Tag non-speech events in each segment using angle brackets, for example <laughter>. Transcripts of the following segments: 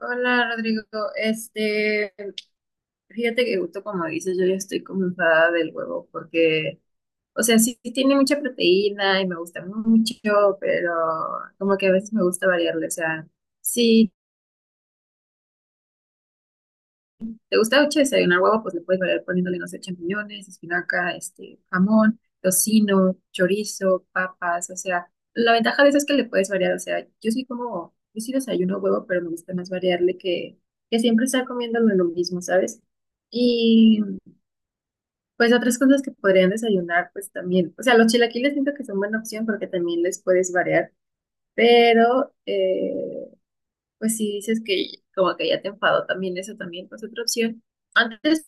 Hola Rodrigo, este, fíjate que justo como dices, yo ya estoy como enfadada del huevo porque, o sea, sí tiene mucha proteína y me gusta mucho, pero como que a veces me gusta variarle, o sea, sí. ¿Te gusta mucho desayunar huevo? Pues le puedes variar poniéndole, no sé, champiñones, espinaca, este, jamón, tocino, chorizo, papas, o sea, la ventaja de eso es que le puedes variar, o sea, yo sí como, yo sí desayuno huevo, pero me gusta más variarle que siempre estar comiéndolo lo mismo, ¿sabes? Y pues otras cosas que podrían desayunar, pues también, o sea, los chilaquiles siento que son buena opción porque también les puedes variar, pero pues si dices que como que ya te enfadó también eso también, pues otra opción. Antes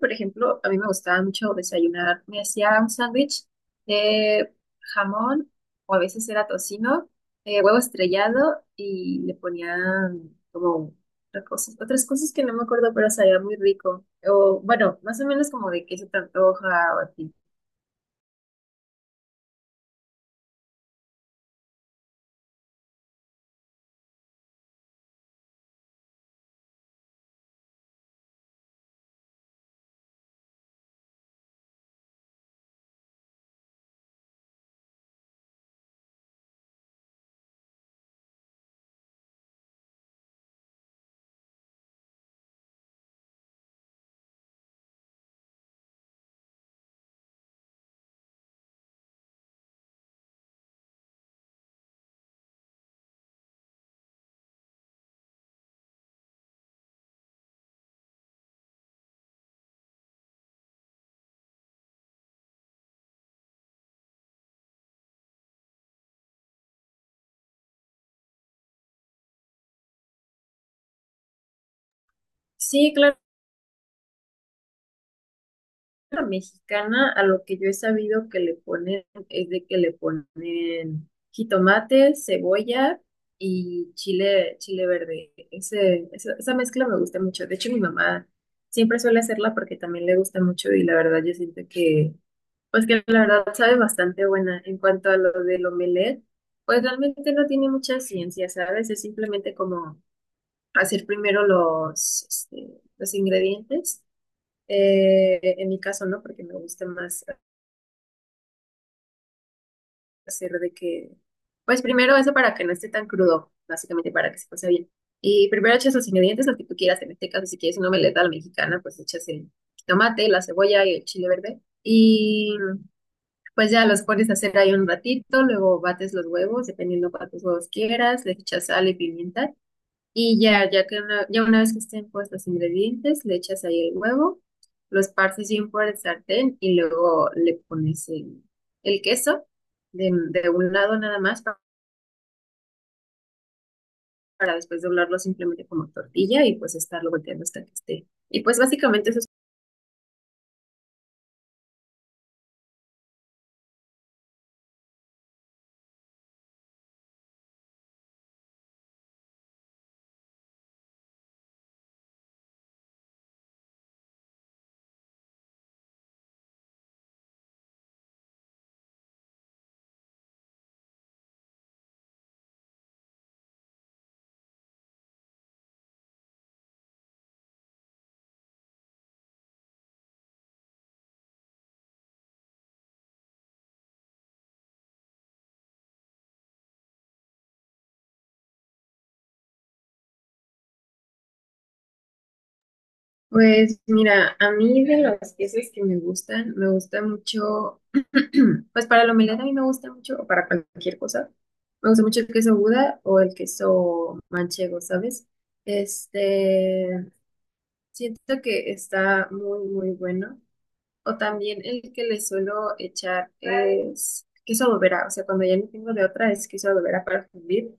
por ejemplo, a mí me gustaba mucho desayunar. Me hacía un sándwich de jamón, o a veces era tocino, huevo estrellado, y le ponían como otras cosas que no me acuerdo, pero sabía muy rico. O bueno, más o menos como de qué se te antoja o así. Sí, claro. La mexicana, a lo que yo he sabido que le ponen, es de que le ponen jitomate, cebolla y chile, chile verde. Esa mezcla me gusta mucho. De hecho, mi mamá siempre suele hacerla porque también le gusta mucho y la verdad yo siento que, pues que la verdad sabe bastante buena. En cuanto a lo del omelette, pues realmente no tiene mucha ciencia, ¿sabes? Es simplemente como hacer primero los, este, los ingredientes en mi caso, ¿no? Porque me gusta más hacer de que, pues primero eso para que no esté tan crudo, básicamente para que se pase bien. Y primero echas los ingredientes, los que tú quieras, en este caso, si quieres una meleta a la mexicana, pues echas el tomate, la cebolla y el chile verde. Y pues ya los pones a hacer ahí un ratito, luego bates los huevos, dependiendo cuántos huevos quieras, le echas sal y pimienta. Y ya, ya una vez que estén puestos los ingredientes, le echas ahí el huevo, los partes bien por el sartén y luego le pones el queso de un lado nada más para, después doblarlo simplemente como tortilla y pues estarlo volteando hasta que esté. Y pues básicamente eso es. Pues mira, a mí de los quesos que me gustan, me gusta mucho. <clears throat> Pues para la humildad a mí me gusta mucho, o para cualquier cosa, me gusta mucho el queso Buda o el queso manchego, ¿sabes? Este, siento que está muy, muy bueno. O también el que le suelo echar es queso bobera, o sea, cuando ya no tengo de otra es queso bobera para fundir.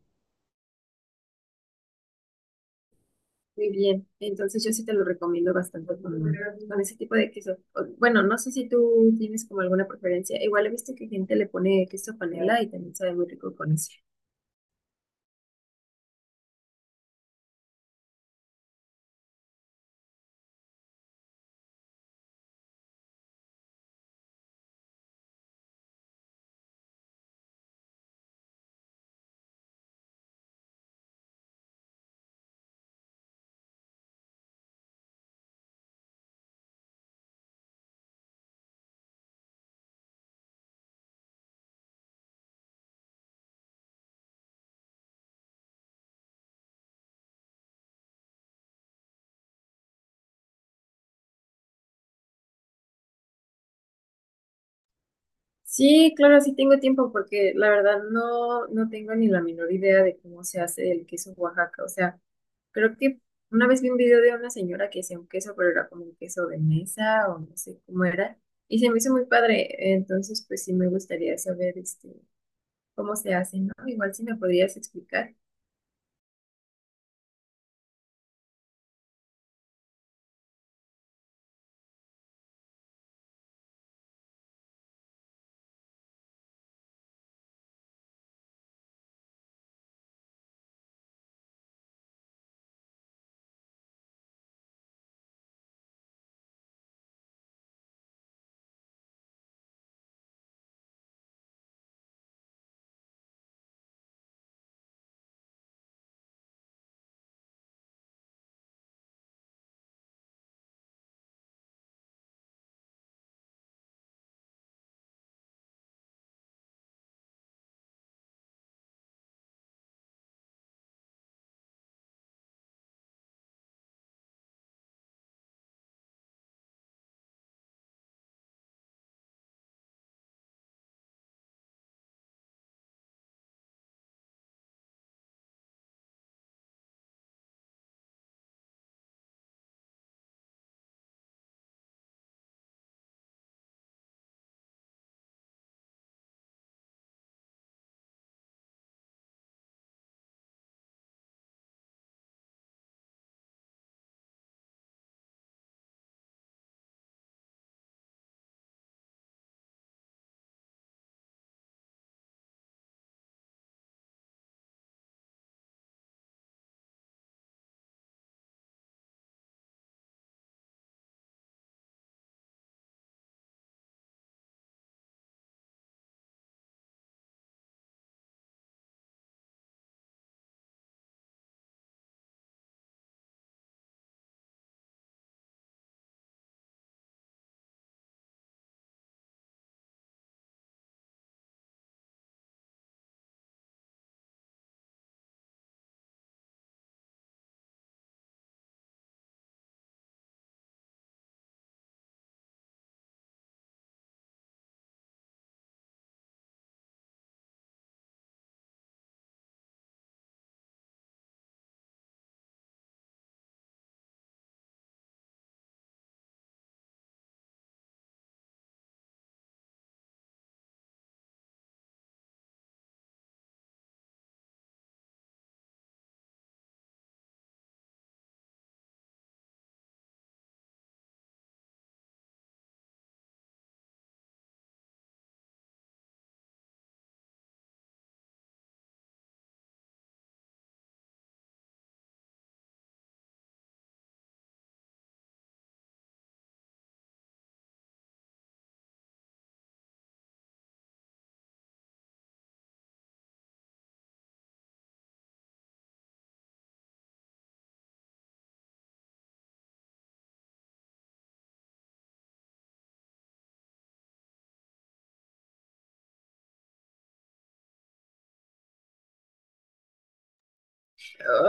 Muy bien, entonces yo sí te lo recomiendo bastante con ese tipo de queso. O bueno, no sé si tú tienes como alguna preferencia. Igual he visto que gente le pone queso panela y también sabe muy rico con eso. Sí, claro, sí tengo tiempo porque la verdad no, no tengo ni la menor idea de cómo se hace el queso Oaxaca. O sea, creo que una vez vi un video de una señora que hacía un queso, pero era como un queso de mesa o no sé cómo era. Y se me hizo muy padre. Entonces, pues sí me gustaría saber este, cómo se hace, ¿no? Igual si me podrías explicar.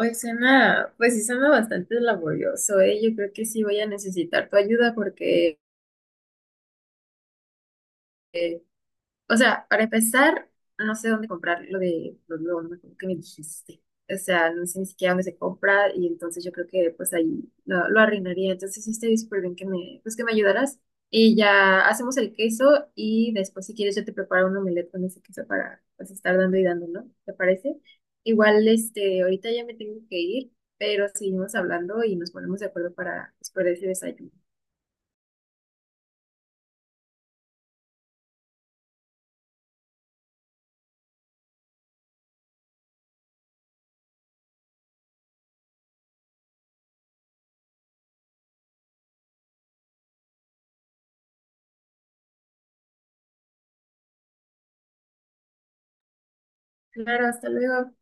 Ay, suena, pues sí suena bastante laborioso, ¿eh? Yo creo que sí voy a necesitar tu ayuda porque, o sea, para empezar, no sé dónde comprar lo de los globos, ¿no? Que me dijiste. O sea, no sé ni siquiera dónde se compra y entonces yo creo que pues ahí lo arruinaría. Entonces sí estaría súper bien que pues, que me ayudaras. Y ya hacemos el queso y después si quieres yo te preparo un omelette con ese queso para pues estar dando y dando, ¿no? ¿Te parece? Igual, este, ahorita ya me tengo que ir, pero seguimos hablando y nos ponemos de acuerdo para, pues, para ese desayuno. Claro, hasta luego.